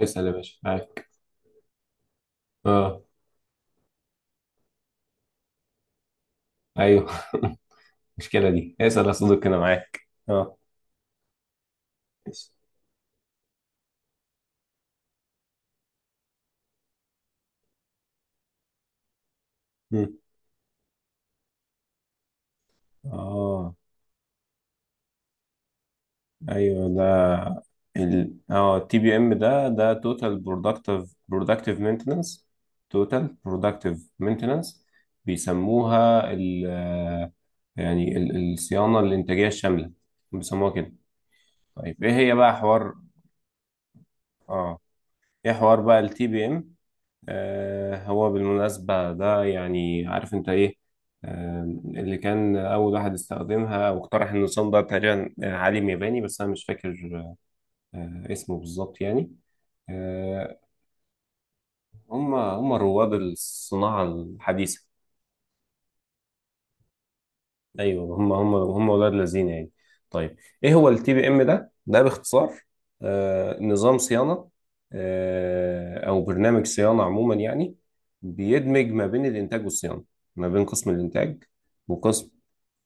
اسأل يا باشا، معاك. اه ايوه المشكلة دي، اسأل يا صديقي، انا معاك. اه اسأل. مم. اه، ايوه ده ال اه التي بي ام، ده توتال برودكتيف مينتننس، توتال برودكتيف مينتننس. بيسموها ال آه، يعني الصيانة الإنتاجية الشاملة، بيسموها كده. طيب ايه هي بقى حوار؟ اه ايه حوار بقى التي بي ام؟ هو بالمناسبة ده، يعني عارف انت ايه؟ اللي كان أول واحد استخدمها واقترح النظام ده تقريبا عالم ياباني بس أنا مش فاكر اسمه بالظبط يعني. آه، هم رواد الصناعة الحديثة. ايوه هم ولاد لذين يعني. طيب، ايه هو التي بي ام ده؟ باختصار، نظام صيانه، او برنامج صيانه عموما يعني، بيدمج ما بين الانتاج والصيانه، ما بين قسم الانتاج وقسم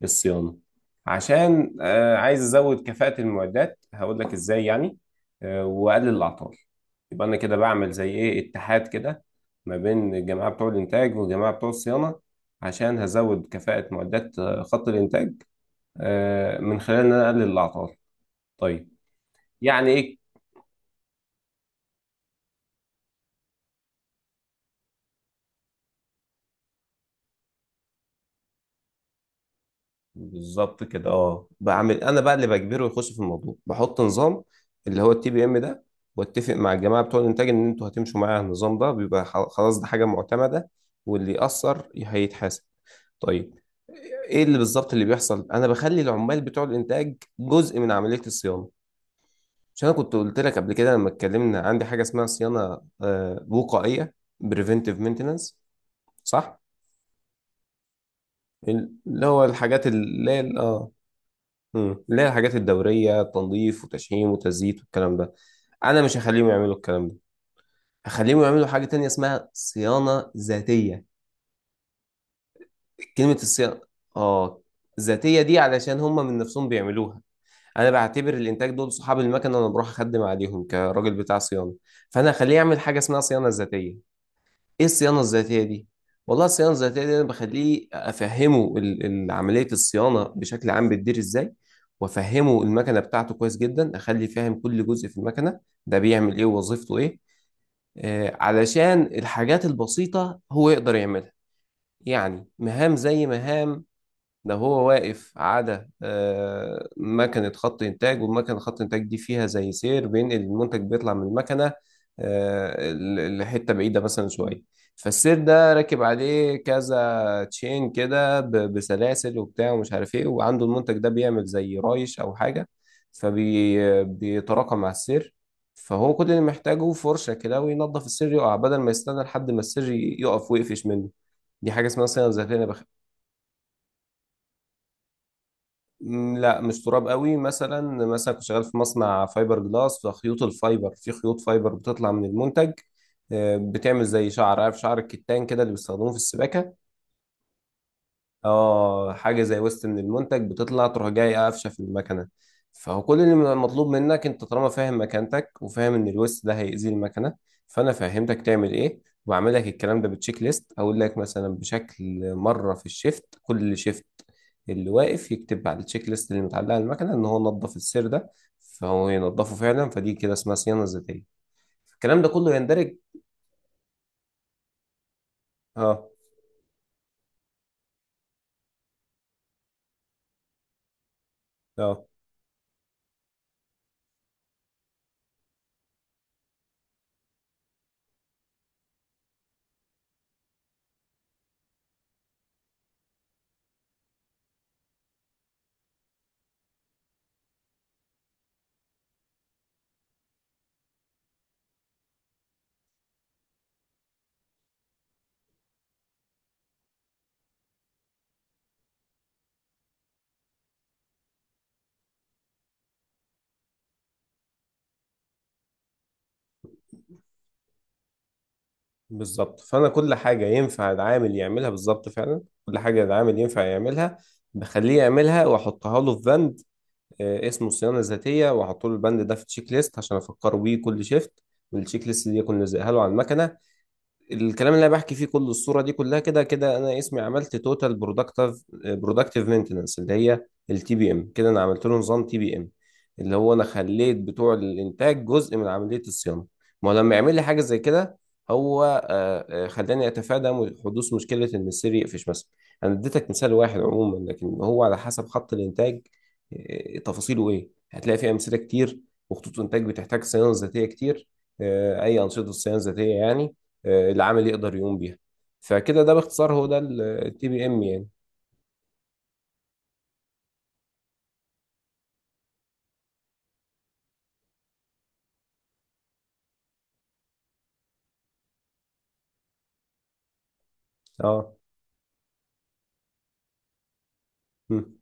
الصيانه، عشان عايز ازود كفاءه المعدات. هقول لك ازاي يعني، واقلل الاعطال. يبقى انا كده بعمل زي ايه؟ اتحاد كده ما بين الجماعه بتوع الانتاج والجماعه بتوع الصيانه، عشان هزود كفاءة معدات خط الإنتاج، من خلال إن أنا أقلل الأعطال. طيب، يعني إيه بالظبط كده؟ بعمل أنا بقى اللي بجبره يخش في الموضوع، بحط نظام، اللي هو التي بي إم ده، واتفق مع الجماعة بتوع الإنتاج إن أنتوا هتمشوا معايا على النظام ده. بيبقى خلاص ده حاجة معتمدة واللي يأثر هيتحاسب. طيب، إيه اللي بالظبط اللي بيحصل؟ أنا بخلي العمال بتوع الإنتاج جزء من عملية الصيانة. مش انا كنت قلت لك قبل كده لما اتكلمنا عندي حاجه اسمها صيانه وقائيه، بريفنتيف مينتنانس؟ صح. اللي هو الحاجات اللي هي مم. اللي هي الحاجات الدوريه، تنظيف وتشحيم وتزييت والكلام ده. انا مش هخليهم يعملوا الكلام ده، هخليهم يعملوا حاجه تانية اسمها صيانه ذاتيه. كلمه الصيانه اه ذاتيه دي، علشان هم من نفسهم بيعملوها. انا بعتبر الانتاج دول صحاب المكنه، انا بروح اخدم عليهم كراجل بتاع صيانه، فانا هخليه يعمل حاجه اسمها صيانه ذاتيه. ايه الصيانه الذاتيه دي؟ والله الصيانه الذاتيه دي انا بخليه افهمه عمليه الصيانه بشكل عام بتدير ازاي، وافهمه المكنه بتاعته كويس جدا، اخلي فاهم كل جزء في المكنه ده بيعمل ايه ووظيفته ايه، آه علشان الحاجات البسيطه هو يقدر يعملها. يعني مهام زي مهام، ده هو واقف على مكنة خط إنتاج، والمكنة خط إنتاج دي فيها زي سير بينقل المنتج، بيطلع من المكنة لحتة بعيدة مثلا شوية. فالسير ده راكب عليه كذا تشين كده بسلاسل وبتاع ومش عارف ايه، وعنده المنتج ده بيعمل زي رايش أو حاجة فبيتراكم مع السير. فهو كل اللي محتاجه فرشة كده، وينظف السير يقع، بدل ما يستنى لحد ما السير يقف ويقفش منه. دي حاجة اسمها صيانة ذاتية. مم، لا مش تراب قوي. مثلا، مثلا كنت شغال في مصنع فايبر جلاس، فخيوط الفايبر، في خيوط فايبر بتطلع من المنتج، بتعمل زي شعر، عارف شعر الكتان كده اللي بيستخدموه في السباكة. اه، حاجه زي وسط، من المنتج بتطلع تروح جاي قافشه في المكنه. فهو كل اللي مطلوب منك، انت طالما فاهم مكانتك وفاهم ان الوسط ده هيأذي المكنه، فانا فهمتك تعمل ايه. وبعمل لك الكلام ده بتشيك ليست، اقول لك مثلا بشكل مره في الشيفت، كل شيفت اللي واقف يكتب على التشيك ليست اللي متعلقه على المكنه ان هو نظف السير ده. فهو ينظفه فعلا، فدي كده اسمها صيانه ذاتيه. الكلام ده كله يندرج. اه اه، بالظبط. فانا كل حاجه ينفع العامل يعملها، بالظبط فعلا كل حاجه العامل ينفع يعملها بخليه يعملها، واحطها له في بند اسمه صيانه ذاتيه، واحط له البند ده في تشيك ليست عشان افكره بيه كل شيفت، والتشيك ليست دي اكون لازقها له على المكنه. الكلام اللي انا بحكي فيه كله، الصوره دي كلها كده، كده انا اسمي عملت توتال برودكتيف مينتنس، اللي هي التي بي ام. كده انا عملت له نظام تي بي ام، اللي هو انا خليت بتوع الانتاج جزء من عمليه الصيانه. ما هو لما يعمل لي حاجه زي كده، هو خلاني اتفادى حدوث مشكله ان السير يقفش مثلا. انا اديتك مثال واحد عموما، لكن هو على حسب خط الانتاج تفاصيله ايه، هتلاقي فيه امثله كتير، وخطوط انتاج بتحتاج صيانه ذاتيه كتير. اي انشطه صيانه ذاتيه يعني العامل يقدر يقوم بيها. فكده ده باختصار هو ده التي بي ام يعني. اه. مم.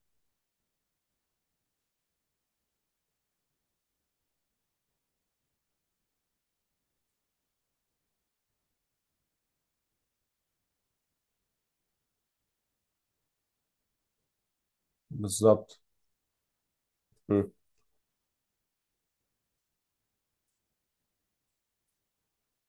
بالظبط. مم.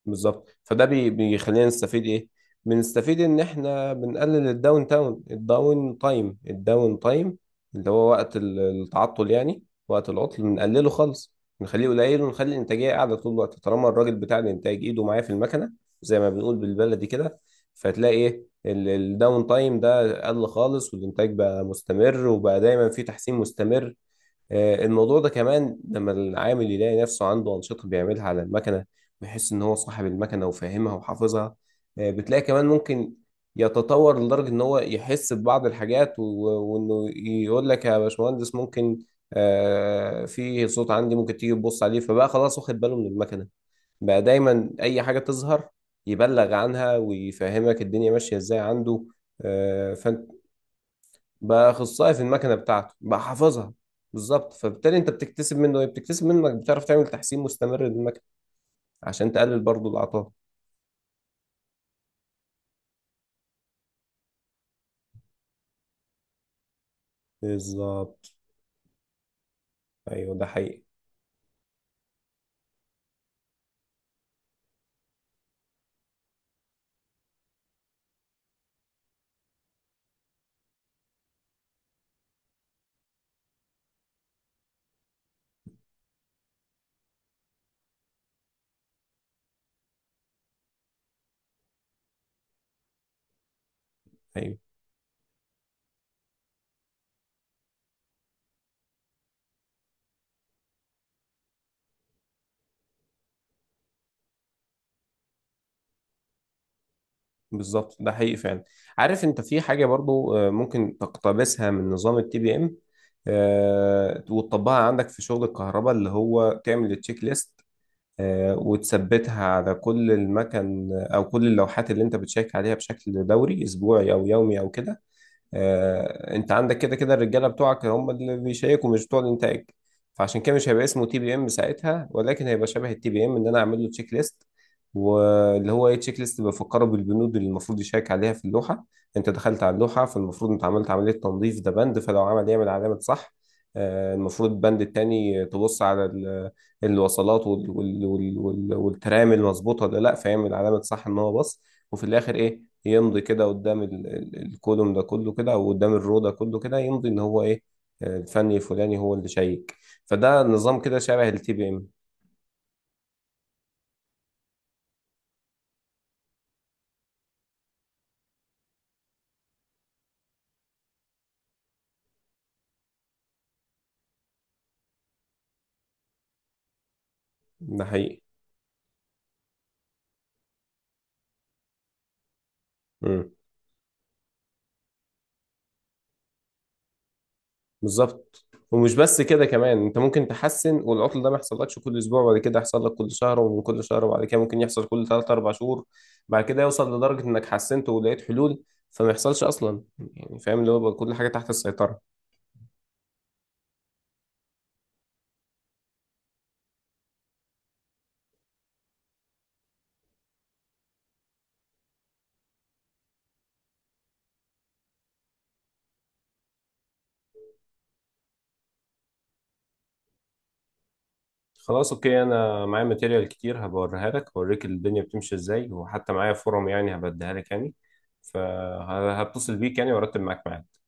بالظبط. فده بيخلينا نستفيد ايه؟ بنستفيد ان احنا بنقلل الداون تاون، الداون تايم، الداون تايم اللي هو وقت التعطل، يعني وقت العطل بنقلله خالص، نخليه قليل، ونخلي الانتاجيه قاعده طول الوقت، طالما الراجل بتاع الانتاج ايده معاه في المكنه، زي ما بنقول بالبلدي كده. فتلاقي ايه، الداون تايم ده قل خالص والانتاج بقى مستمر وبقى دايما في تحسين مستمر. الموضوع ده كمان، لما العامل يلاقي نفسه عنده أنشطة بيعملها على المكنة، ويحس إن هو صاحب المكنة وفاهمها وحافظها، بتلاقي كمان ممكن يتطور لدرجة إن هو يحس ببعض الحاجات وإنه يقول لك يا باشمهندس ممكن في صوت عندي، ممكن تيجي تبص عليه. فبقى خلاص واخد باله من المكنة، بقى دايما أي حاجة تظهر يبلغ عنها ويفهمك الدنيا ماشية إزاي عنده. فأنت بقى اخصائي في المكنه بتاعته، بقى حافظها. بالظبط. فبالتالي انت بتكتسب منه ايه؟ بتكتسب منك بتعرف تعمل تحسين مستمر للمكنه عشان تقلل برضو الاعطال. بالظبط. ايوه، ده حقيقي. ايوه، بالظبط، ده حقيقي فعلا. عارف انت في حاجه برضو ممكن تقتبسها من نظام التي بي ام وتطبقها عندك في شغل الكهرباء، اللي هو تعمل التشيك ليست وتثبتها على كل المكن او كل اللوحات اللي انت بتشيك عليها بشكل دوري اسبوعي او يومي او كده. انت عندك كده كده الرجاله بتوعك هم اللي بيشيكوا مش بتوع الانتاج، فعشان كده مش هيبقى اسمه تي بي ام ساعتها، ولكن هيبقى شبه التي بي ام، ان انا اعمل له تشيك ليست. واللي هو ايه تشيك ليست؟ بفكره بالبنود اللي المفروض يشيك عليها في اللوحه. انت دخلت على اللوحه، فالمفروض انت عملت عمليه تنظيف، ده بند، فلو عمل يعمل علامه صح. المفروض البند التاني، تبص على الوصلات والترام، المظبوطه ولا لا، فيعمل علامه صح ان هو بص. وفي الاخر ايه، يمضي كده قدام الكولوم ده كله كده، او قدام الرو ده كله كده، يمضي ان هو ايه الفني الفلاني هو اللي شيك. فده نظام كده شبه التي بي ام. ده حقيقي. امم. بالظبط. ومش بس كده، كمان انت ممكن تحسن والعطل ده ما يحصلكش كل اسبوع، وبعد كده يحصل لك كل شهر، ومن كل شهر وبعد كده ممكن يحصل كل 3 4 شهور، بعد كده يوصل لدرجة انك حسنت ولقيت حلول فما يحصلش اصلا. يعني فاهم اللي هو، يبقى كل حاجة تحت السيطرة. خلاص اوكي، انا معايا ماتيريال كتير هبوريها لك، هوريك الدنيا بتمشي ازاي، وحتى معايا فورم يعني هبديها لك يعني، فهتصل بيك يعني وارتب معاك معاها.